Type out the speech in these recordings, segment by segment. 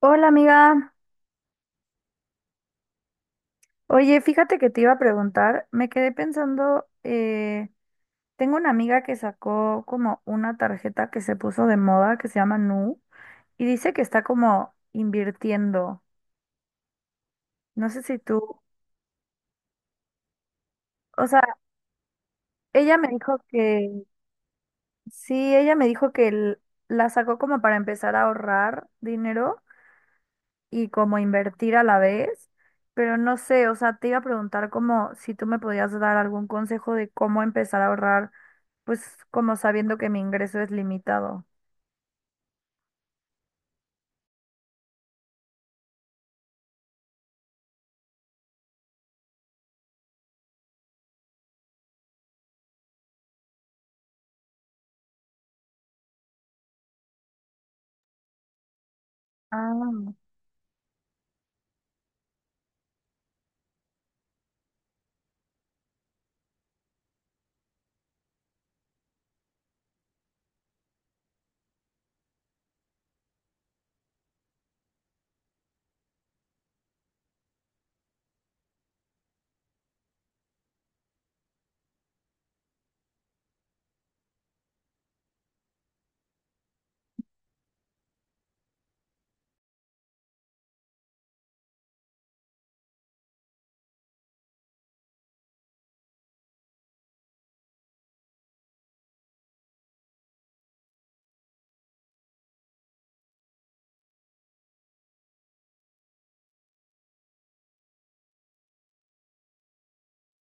Hola amiga, oye, fíjate que te iba a preguntar, me quedé pensando, tengo una amiga que sacó como una tarjeta que se puso de moda que se llama Nu y dice que está como invirtiendo. No sé si tú, o sea, ella me dijo que, sí, ella me dijo que la sacó como para empezar a ahorrar dinero y como invertir a la vez, pero no sé, o sea, te iba a preguntar como si tú me podías dar algún consejo de cómo empezar a ahorrar, pues como sabiendo que mi ingreso es limitado. Ah,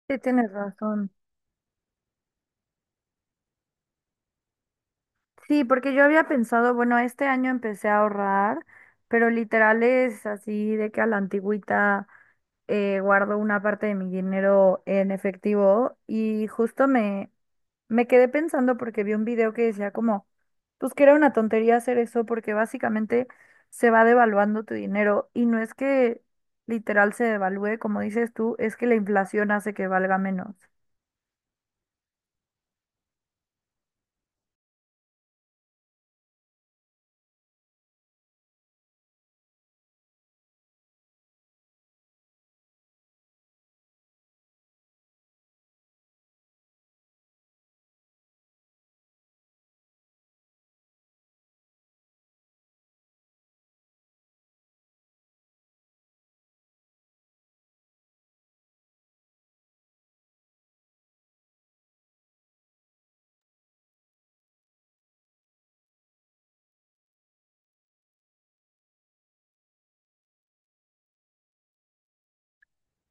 sí, tienes razón. Sí, porque yo había pensado, bueno, este año empecé a ahorrar, pero literal es así de que a la antigüita guardo una parte de mi dinero en efectivo y justo me quedé pensando porque vi un video que decía como, pues que era una tontería hacer eso porque básicamente se va devaluando tu dinero y no es que literal se devalúe, como dices tú, es que la inflación hace que valga menos.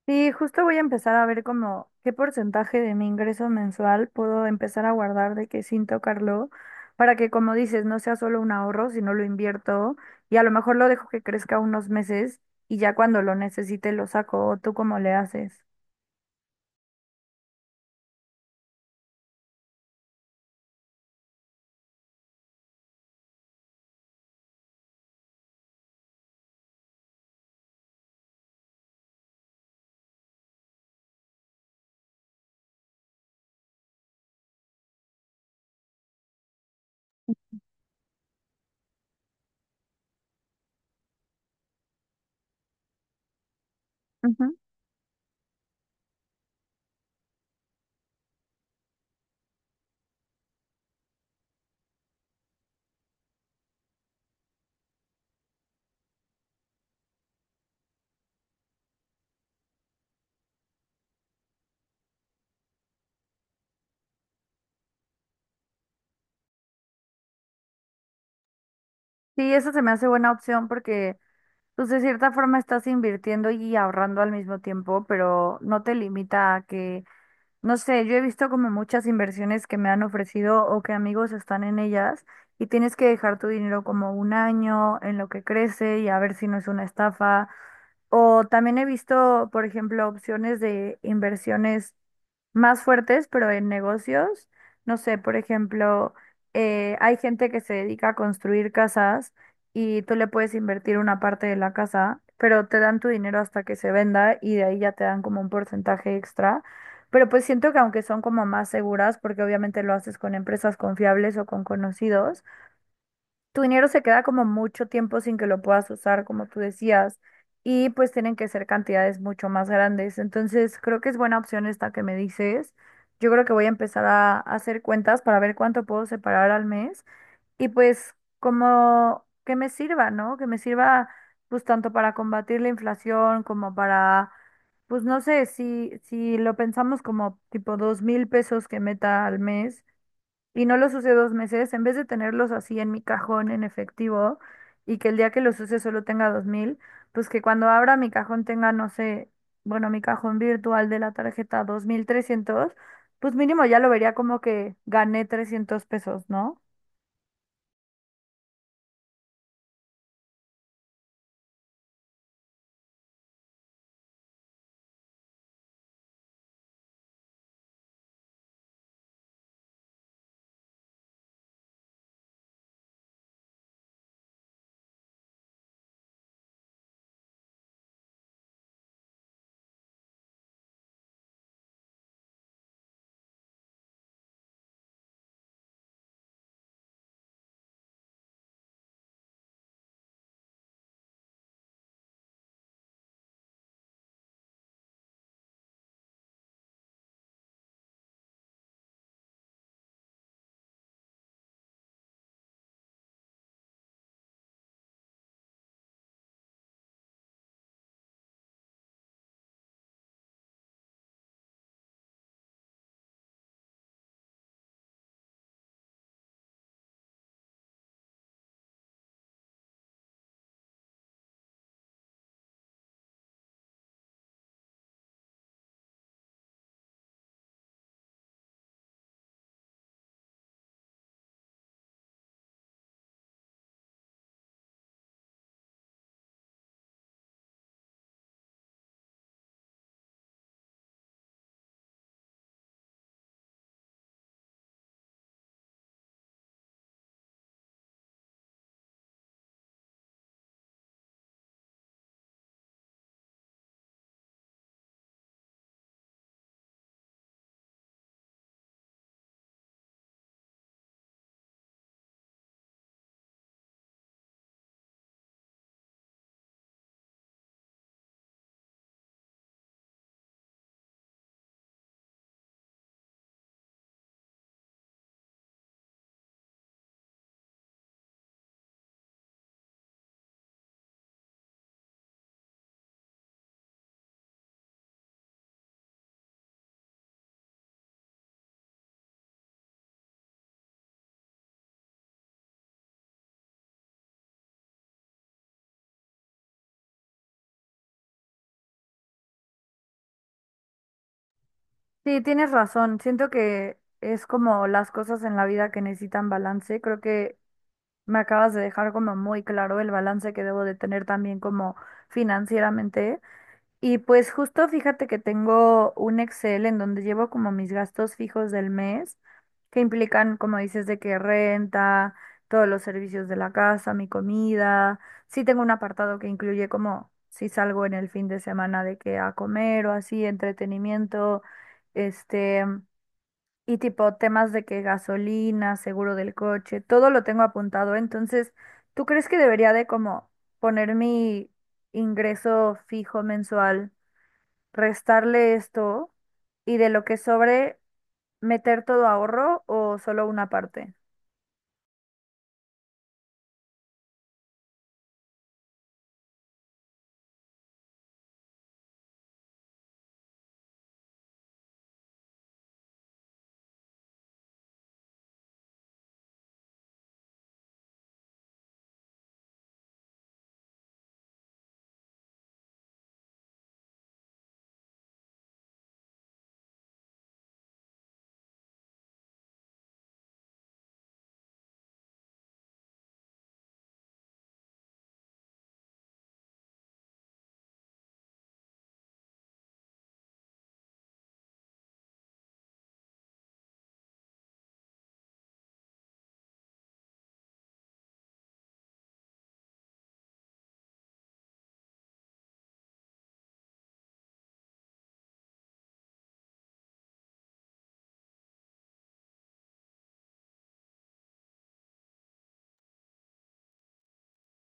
Sí, justo voy a empezar a ver como qué porcentaje de mi ingreso mensual puedo empezar a guardar de que sin tocarlo, para que como dices, no sea solo un ahorro, sino lo invierto y a lo mejor lo dejo que crezca unos meses y ya cuando lo necesite lo saco. ¿O tú cómo le haces? Ujú. Sí, eso se me hace buena opción porque, pues, de cierta forma estás invirtiendo y ahorrando al mismo tiempo, pero no te limita a que no sé, yo he visto como muchas inversiones que me han ofrecido o que amigos están en ellas y tienes que dejar tu dinero como un año en lo que crece y a ver si no es una estafa. O también he visto, por ejemplo, opciones de inversiones más fuertes, pero en negocios. No sé, por ejemplo, hay gente que se dedica a construir casas y tú le puedes invertir una parte de la casa, pero te dan tu dinero hasta que se venda y de ahí ya te dan como un porcentaje extra. Pero pues siento que aunque son como más seguras, porque obviamente lo haces con empresas confiables o con conocidos, tu dinero se queda como mucho tiempo sin que lo puedas usar, como tú decías, y pues tienen que ser cantidades mucho más grandes. Entonces, creo que es buena opción esta que me dices. Yo creo que voy a empezar a hacer cuentas para ver cuánto puedo separar al mes y pues como que me sirva, ¿no? Que me sirva pues tanto para combatir la inflación como para, pues no sé, si lo pensamos como tipo 2,000 pesos que meta al mes y no los use 2 meses, en vez de tenerlos así en mi cajón en efectivo y que el día que los use solo tenga 2,000, pues que cuando abra mi cajón tenga, no sé, bueno, mi cajón virtual de la tarjeta 2,300, pues mínimo ya lo vería como que gané 300 pesos, ¿no? Sí, tienes razón. Siento que es como las cosas en la vida que necesitan balance. Creo que me acabas de dejar como muy claro el balance que debo de tener también como financieramente. Y pues justo fíjate que tengo un Excel en donde llevo como mis gastos fijos del mes, que implican, como dices, de que renta, todos los servicios de la casa, mi comida. Sí tengo un apartado que incluye como si salgo en el fin de semana de que a comer o así, entretenimiento, este, y tipo temas de que gasolina, seguro del coche, todo lo tengo apuntado. Entonces, ¿tú crees que debería de como poner mi ingreso fijo mensual, restarle esto y de lo que sobre meter todo ahorro o solo una parte?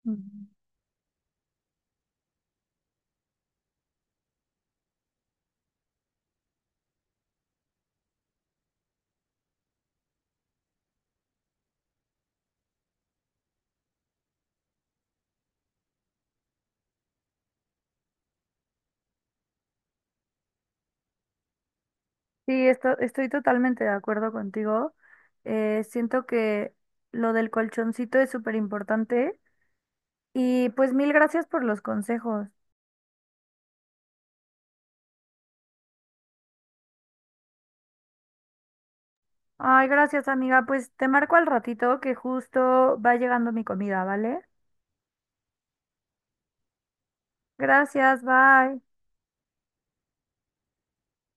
Mm. Sí, estoy totalmente de acuerdo contigo. Siento que lo del colchoncito es súper importante. Y pues mil gracias por los consejos. Ay, gracias amiga. Pues te marco al ratito que justo va llegando mi comida, ¿vale? Gracias, bye.